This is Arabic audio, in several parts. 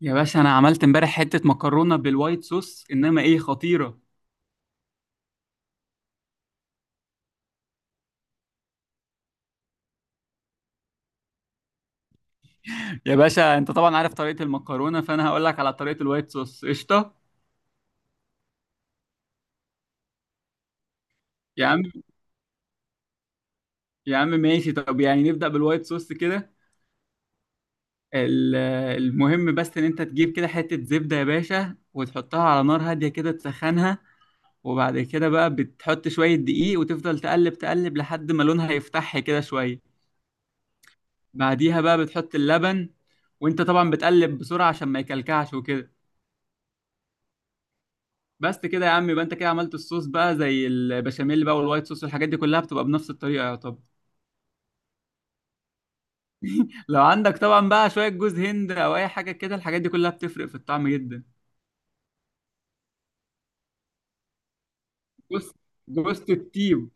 يا باشا، انا عملت امبارح حته مكرونه بالوايت صوص انما ايه خطيره. يا باشا، انت طبعا عارف طريقه المكرونه، فانا هقول لك على طريقه الوايت صوص قشطه. يا عم يا عم ماشي، طب يعني نبدا بالوايت صوص كده. ال- المهم بس ان انت تجيب كده حته زبده يا باشا، وتحطها على نار هاديه كده تسخنها. وبعد كده بقى بتحط شويه دقيق، وتفضل تقلب تقلب لحد ما لونها يفتح كده شويه. بعديها بقى بتحط اللبن، وانت طبعا بتقلب بسرعه عشان ما يكلكعش وكده. بس كده يا عم، يبقى انت كده عملت الصوص بقى زي البشاميل بقى، والوايت صوص والحاجات دي كلها بتبقى بنفس الطريقه يا طب. لو عندك طبعا بقى شويه جوز هند او اي حاجه كده، الحاجات دي كلها بتفرق في الطعم جدا. جوز جوز الطيب.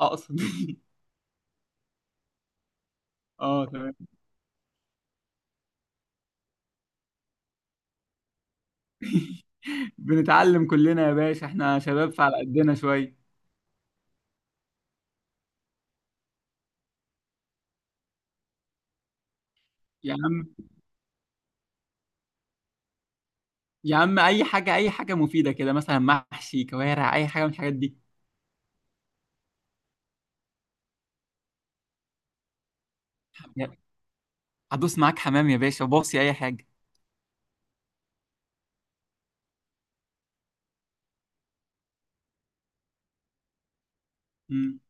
آه، اقصد اه تمام. بنتعلم كلنا يا باشا، احنا شباب فعلى قدنا شويه. يا عم يا عم اي حاجه اي حاجه مفيده كده، مثلا محشي كوارع اي حاجه من الحاجات دي. هدوس معاك حمام يا باشا، باصي اي حاجه. امم.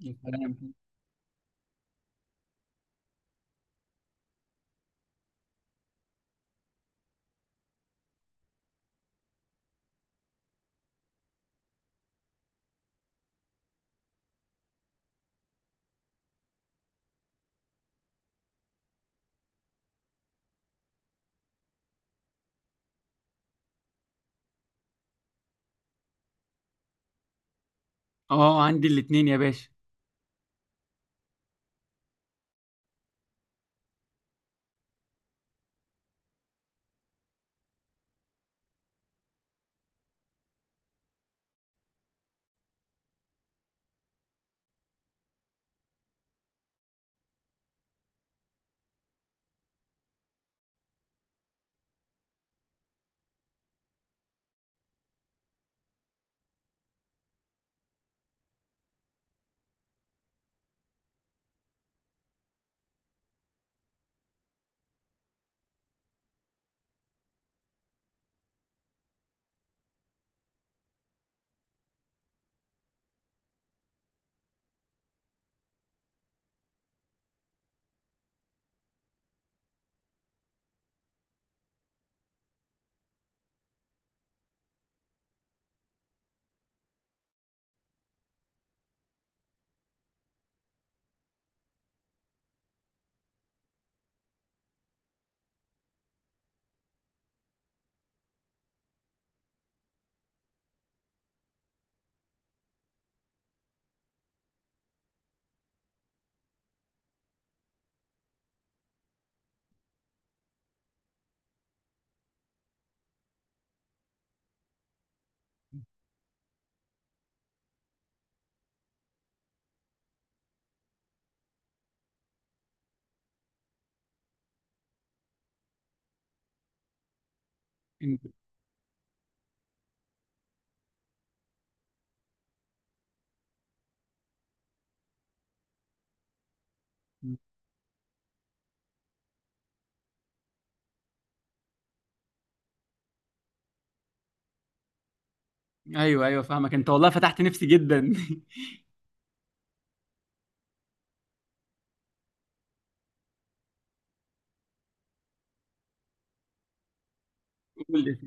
يا سلام. اه عندي الاتنين يا باشا. انت. ايوه ايوه فاهمك، انت والله فتحت نفسي جدا. قول.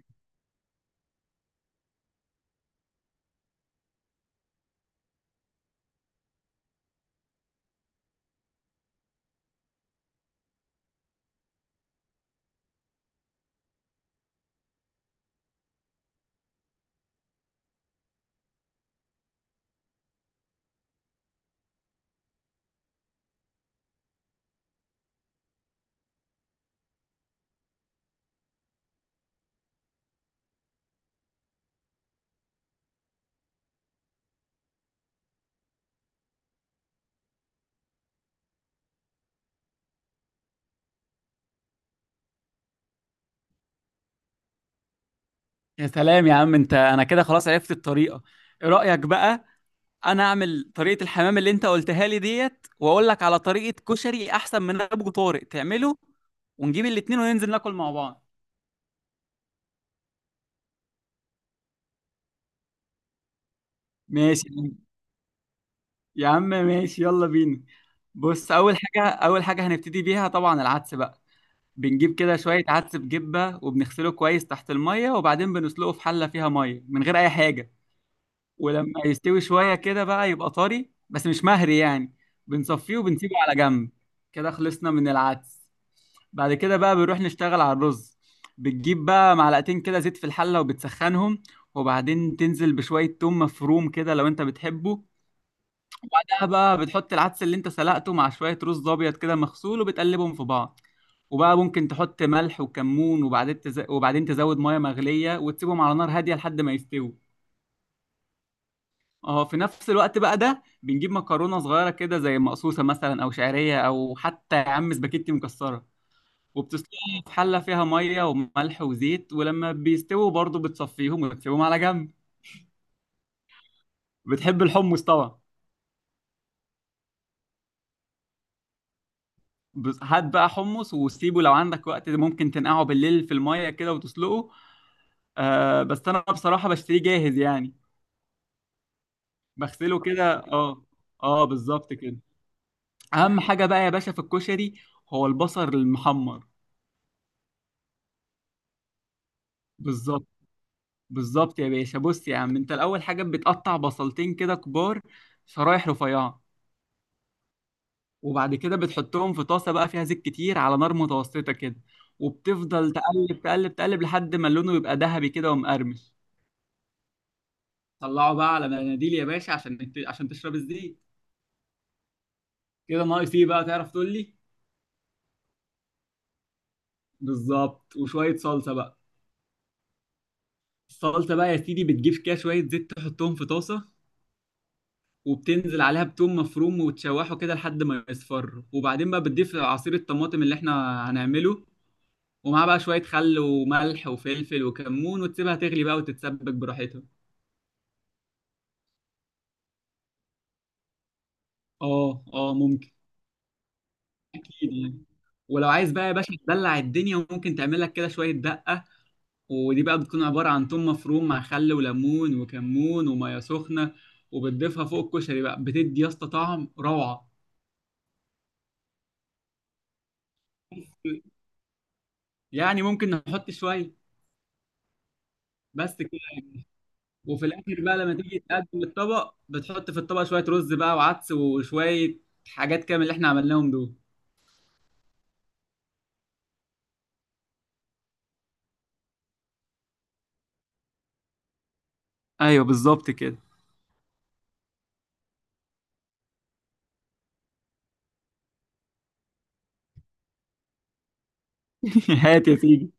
يا سلام يا عم، انت انا كده خلاص عرفت الطريقه. ايه رايك بقى؟ انا اعمل طريقه الحمام اللي انت قلتها لي ديت، واقول لك على طريقه كشري احسن من ابو طارق تعمله، ونجيب الاتنين وننزل ناكل مع بعض. ماشي. يا عم ماشي، يلا بينا. بص، اول حاجه اول حاجه هنبتدي بيها طبعا العدس بقى. بنجيب كده شويه عدس بجبه، وبنغسله كويس تحت الميه، وبعدين بنسلقه في حله فيها ميه من غير اي حاجه. ولما يستوي شوية كده بقى يبقى طري بس مش مهري يعني، بنصفيه وبنسيبه على جنب. كده خلصنا من العدس. بعد كده بقى بنروح نشتغل على الرز. بتجيب بقى معلقتين كده زيت في الحلة وبتسخنهم، وبعدين تنزل بشوية توم مفروم كده لو انت بتحبه. بعدها بقى بتحط العدس اللي انت سلقته مع شوية رز أبيض كده مغسول، وبتقلبهم في بعض. وبقى ممكن تحط ملح وكمون، وبعدين تزود مية مغلية، وتسيبهم على نار هادية لحد ما يستووا. اه، في نفس الوقت بقى ده بنجيب مكرونه صغيره كده زي مقصوصه مثلا، او شعريه، او حتى يا عم سباكيتي مكسره، وبتسلقها في حله فيها ميه وملح وزيت، ولما بيستووا برضه بتصفيهم وتسيبهم على جنب. بتحب الحمص طبعا؟ بس هات بقى حمص وسيبه، لو عندك وقت ده ممكن تنقعه بالليل في الميه كده وتسلقه. آه بس انا بصراحه بشتريه جاهز يعني. بغسله كده، اه. اه بالظبط كده. اهم حاجه بقى يا باشا في الكشري هو البصل المحمر. بالظبط. بالظبط يا باشا. بص يا عم، انت الاول حاجه بتقطع بصلتين كده كبار، شرايح رفيعه. وبعد كده بتحطهم في طاسه بقى فيها زيت كتير على نار متوسطه كده. وبتفضل تقلب تقلب تقلب لحد ما لونه يبقى ذهبي كده ومقرمش. طلعه بقى على مناديل يا باشا، عشان تشرب الزيت. كده ناقص ايه بقى تعرف تقول لي؟ بالظبط، وشويه صلصه بقى. الصلصه بقى يا سيدي بتجيب كده شويه زيت تحطهم في طاسه، وبتنزل عليها بتوم مفروم وتشوحه كده لحد ما يصفر، وبعدين بقى بتضيف عصير الطماطم اللي احنا هنعمله، ومعاه بقى شوية خل وملح وفلفل وكمون، وتسيبها تغلي بقى وتتسبك براحتها. اه اه ممكن. اكيد يعني. ولو عايز بقى يا باشا تدلع الدنيا، ممكن تعمل لك كده شوية دقة. ودي بقى بتكون عبارة عن توم مفروم مع خل وليمون وكمون ومية سخنة، وبتضيفها فوق الكشري بقى، بتدي يا اسطى طعم روعة. يعني ممكن نحط شوية. بس. وفي الاخر بقى لما تيجي تقدم الطبق بتحط في الطبق شويه رز بقى وعدس وشويه حاجات كده من اللي احنا عملناهم دول. ايوه بالظبط كده. هات يا سيدي.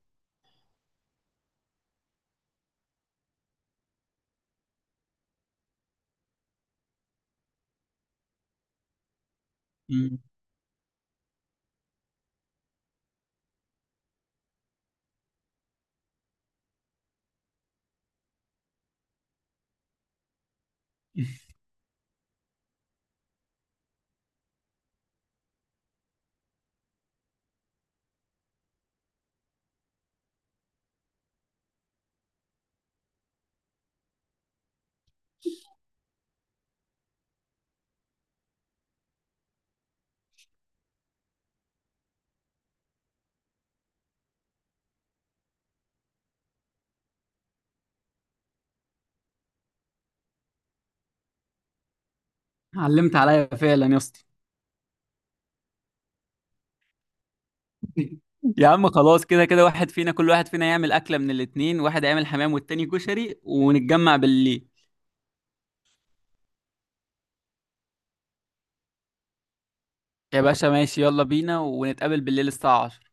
مم. علمت عليا فعلا يا اسطى. يا عم خلاص، كده كده واحد فينا، كل واحد فينا يعمل أكلة من الاتنين، واحد هيعمل حمام والتاني كشري، ونتجمع بالليل. يا باشا ماشي، يلا بينا ونتقابل بالليل الساعة 10